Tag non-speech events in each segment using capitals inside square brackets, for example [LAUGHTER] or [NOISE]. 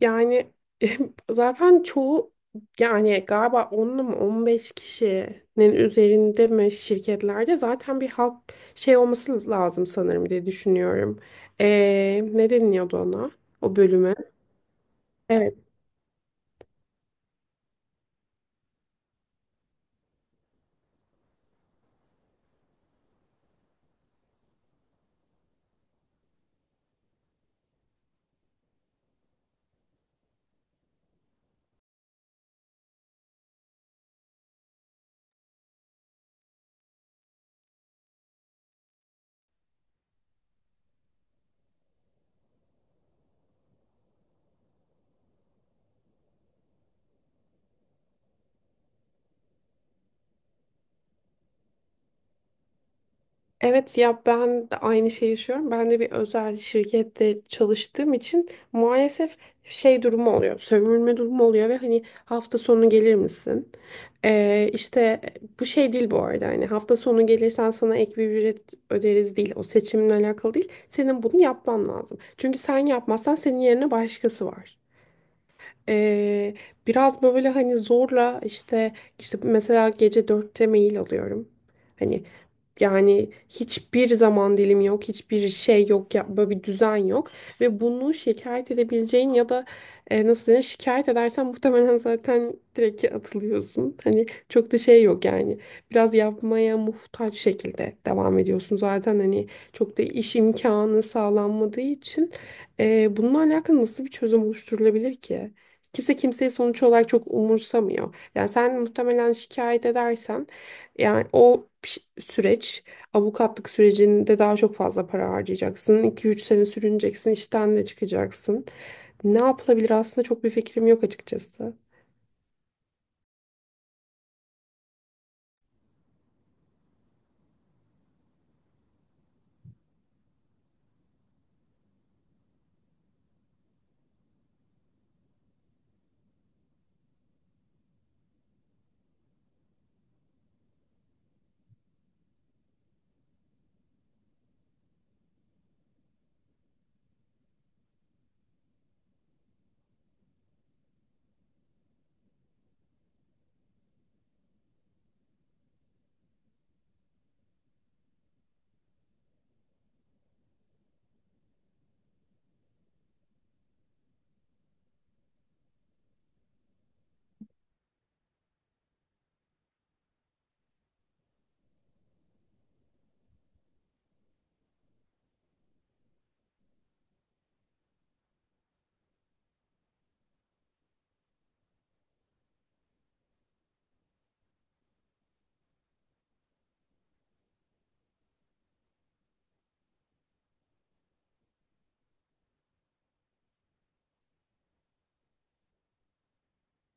Yani, [LAUGHS] zaten çoğu, yani galiba 10'lu 15 kişinin üzerinde mi şirketlerde zaten bir halk şey olması lazım sanırım diye düşünüyorum. Ne deniliyordu ona? O bölüme. Evet. Evet ya, ben de aynı şeyi yaşıyorum. Ben de bir özel şirkette çalıştığım için maalesef şey durumu oluyor. Sömürme durumu oluyor ve hani hafta sonu gelir misin? İşte bu şey değil bu arada, hani hafta sonu gelirsen sana ek bir ücret öderiz değil. O seçiminle alakalı değil. Senin bunu yapman lazım, çünkü sen yapmazsan senin yerine başkası var. Ee, Biraz böyle hani zorla, işte mesela gece dörtte mail alıyorum. Hani yani hiçbir zaman dilim yok, hiçbir şey yok, ya, böyle bir düzen yok. Ve bunu şikayet edebileceğin ya da, nasıl denir, şikayet edersen muhtemelen zaten direkt atılıyorsun. Hani çok da şey yok yani. Biraz yapmaya muhtaç şekilde devam ediyorsun. Zaten hani çok da iş imkanı sağlanmadığı için, bununla alakalı nasıl bir çözüm oluşturulabilir ki? Kimse kimseyi sonuç olarak çok umursamıyor. Yani sen muhtemelen şikayet edersen, yani o süreç, avukatlık sürecinde daha çok fazla para harcayacaksın. 2-3 sene sürüneceksin, işten de çıkacaksın. Ne yapılabilir aslında, çok bir fikrim yok açıkçası.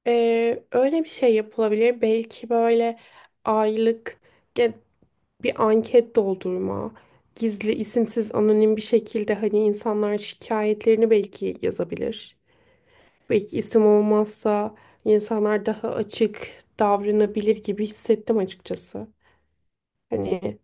Öyle bir şey yapılabilir. Belki böyle aylık ge- bir anket doldurma, gizli, isimsiz, anonim bir şekilde hani insanlar şikayetlerini belki yazabilir. Belki isim olmazsa insanlar daha açık davranabilir gibi hissettim açıkçası. Hani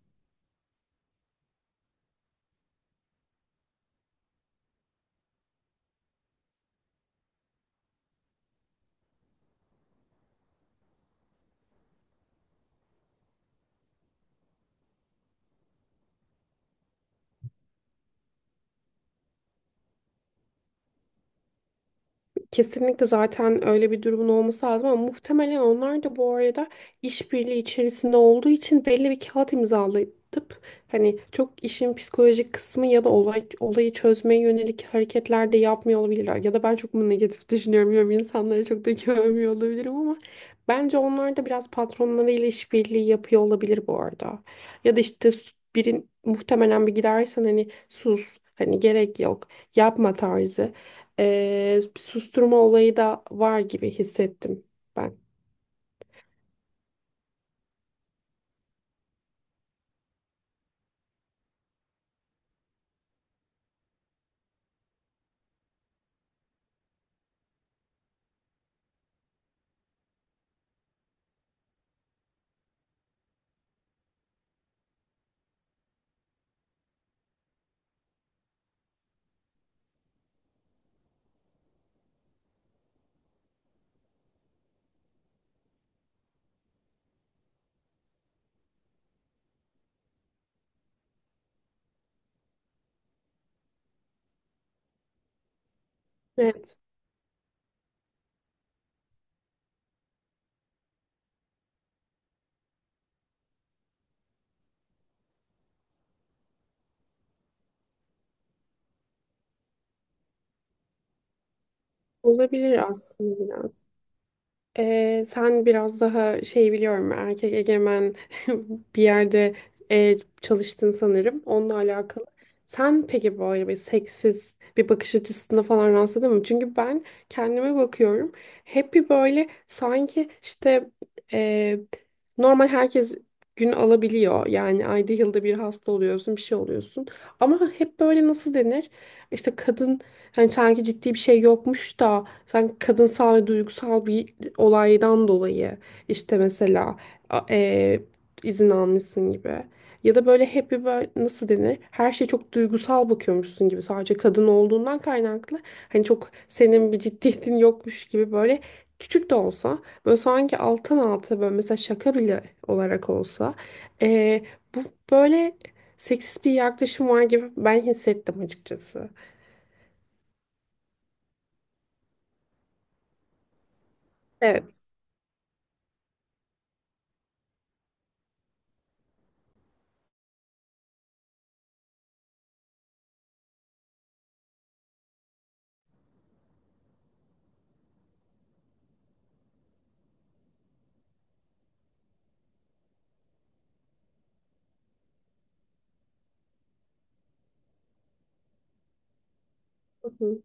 kesinlikle zaten öyle bir durumun olması lazım, ama muhtemelen onlar da bu arada işbirliği içerisinde olduğu için belli bir kağıt imzalatıp, hani çok işin psikolojik kısmı ya da olayı çözmeye yönelik hareketler de yapmıyor olabilirler. Ya da ben çok mu negatif düşünüyorum? Yani insanları çok da güvenmiyor olabilirim, ama bence onlar da biraz patronlarıyla işbirliği yapıyor olabilir bu arada. Ya da işte birin muhtemelen bir gidersen hani sus, hani gerek yok, yapma tarzı, bir susturma olayı da var gibi hissettim ben. Evet, olabilir aslında biraz. Sen biraz daha şey biliyorum, erkek egemen [LAUGHS] bir yerde çalıştın sanırım, onunla alakalı. Sen peki böyle bir seksiz bir bakış açısına falan rastladın mı? Çünkü ben kendime bakıyorum hep bir böyle, sanki işte, e, normal herkes gün alabiliyor. Yani ayda yılda bir hasta oluyorsun, bir şey oluyorsun. Ama hep böyle nasıl denir? İşte kadın, hani sanki ciddi bir şey yokmuş da sanki kadınsal ve duygusal bir olaydan dolayı işte mesela a- e, izin almışsın gibi, ya da böyle hep bir böyle nasıl denir, her şeye çok duygusal bakıyormuşsun gibi, sadece kadın olduğundan kaynaklı, hani çok senin bir ciddiyetin yokmuş gibi, böyle küçük de olsa, böyle sanki alttan alta, böyle mesela şaka bile olarak olsa, e, bu böyle seksist bir yaklaşım var gibi ben hissettim açıkçası. Evet. Hı.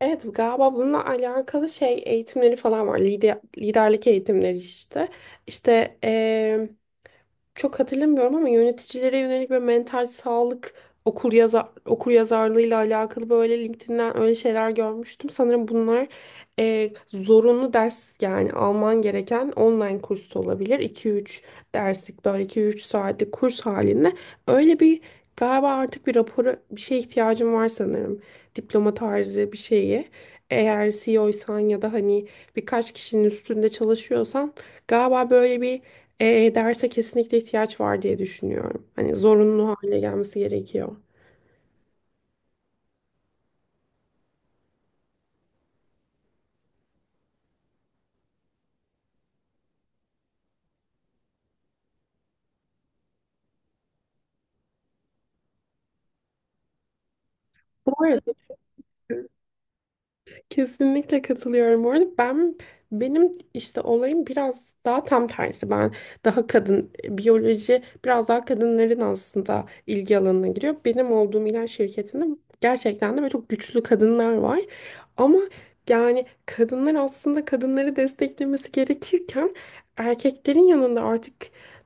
Evet, galiba bununla alakalı şey eğitimleri falan var. Liderlik eğitimleri işte. İşte çok hatırlamıyorum, ama yöneticilere yönelik böyle mental sağlık okur yazarlığıyla alakalı böyle LinkedIn'den öyle şeyler görmüştüm. Sanırım bunlar zorunlu ders, yani alman gereken online kurs da olabilir. 2-3 derslik, böyle 2-3 saatlik kurs halinde, öyle bir, galiba artık bir rapora, bir şeye ihtiyacım var sanırım. Diploma tarzı bir şeyi. Eğer CEO'ysan ya da hani birkaç kişinin üstünde çalışıyorsan, galiba böyle bir, E derse kesinlikle ihtiyaç var diye düşünüyorum. Hani zorunlu hale gelmesi gerekiyor. Bu arada, kesinlikle katılıyorum. Bu arada benim işte olayım biraz daha tam tersi. Ben daha kadın biyoloji, biraz daha kadınların aslında ilgi alanına giriyor. Benim olduğum ilaç şirketinde gerçekten de böyle çok güçlü kadınlar var. Ama yani kadınlar aslında kadınları desteklemesi gerekirken, erkeklerin yanında artık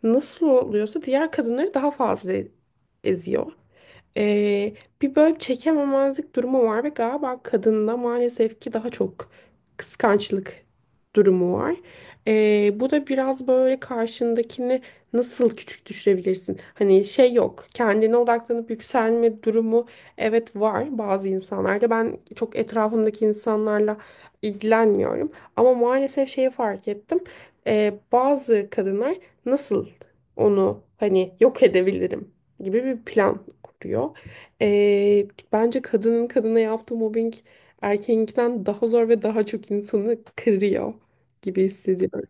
nasıl oluyorsa diğer kadınları daha fazla eziyor. Ee, Bir böyle çekememezlik durumu var ve galiba kadında maalesef ki daha çok kıskançlık durumu var. Bu da biraz böyle karşındakini nasıl küçük düşürebilirsin? Hani şey yok, kendine odaklanıp yükselme durumu, evet, var bazı insanlarda. Ben çok etrafımdaki insanlarla ilgilenmiyorum, ama maalesef şeyi fark ettim. Bazı kadınlar nasıl onu hani yok edebilirim gibi bir plan kuruyor. Bence kadının kadına yaptığı mobbing erkeğinkinden daha zor ve daha çok insanı kırıyor gibi hissediyorum.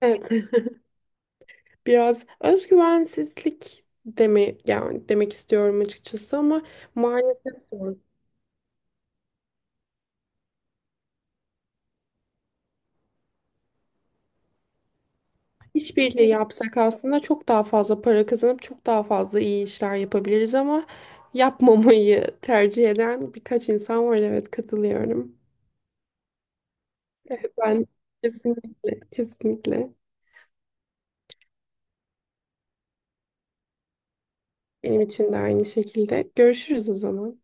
Evet. Biraz özgüvensizlik deme, yani demek istiyorum açıkçası, ama maalesef zor. İşbirliği yapsak aslında çok daha fazla para kazanıp çok daha fazla iyi işler yapabiliriz, ama yapmamayı tercih eden birkaç insan var. Evet, katılıyorum. Evet, ben kesinlikle, kesinlikle. Benim için de aynı şekilde. Görüşürüz o zaman.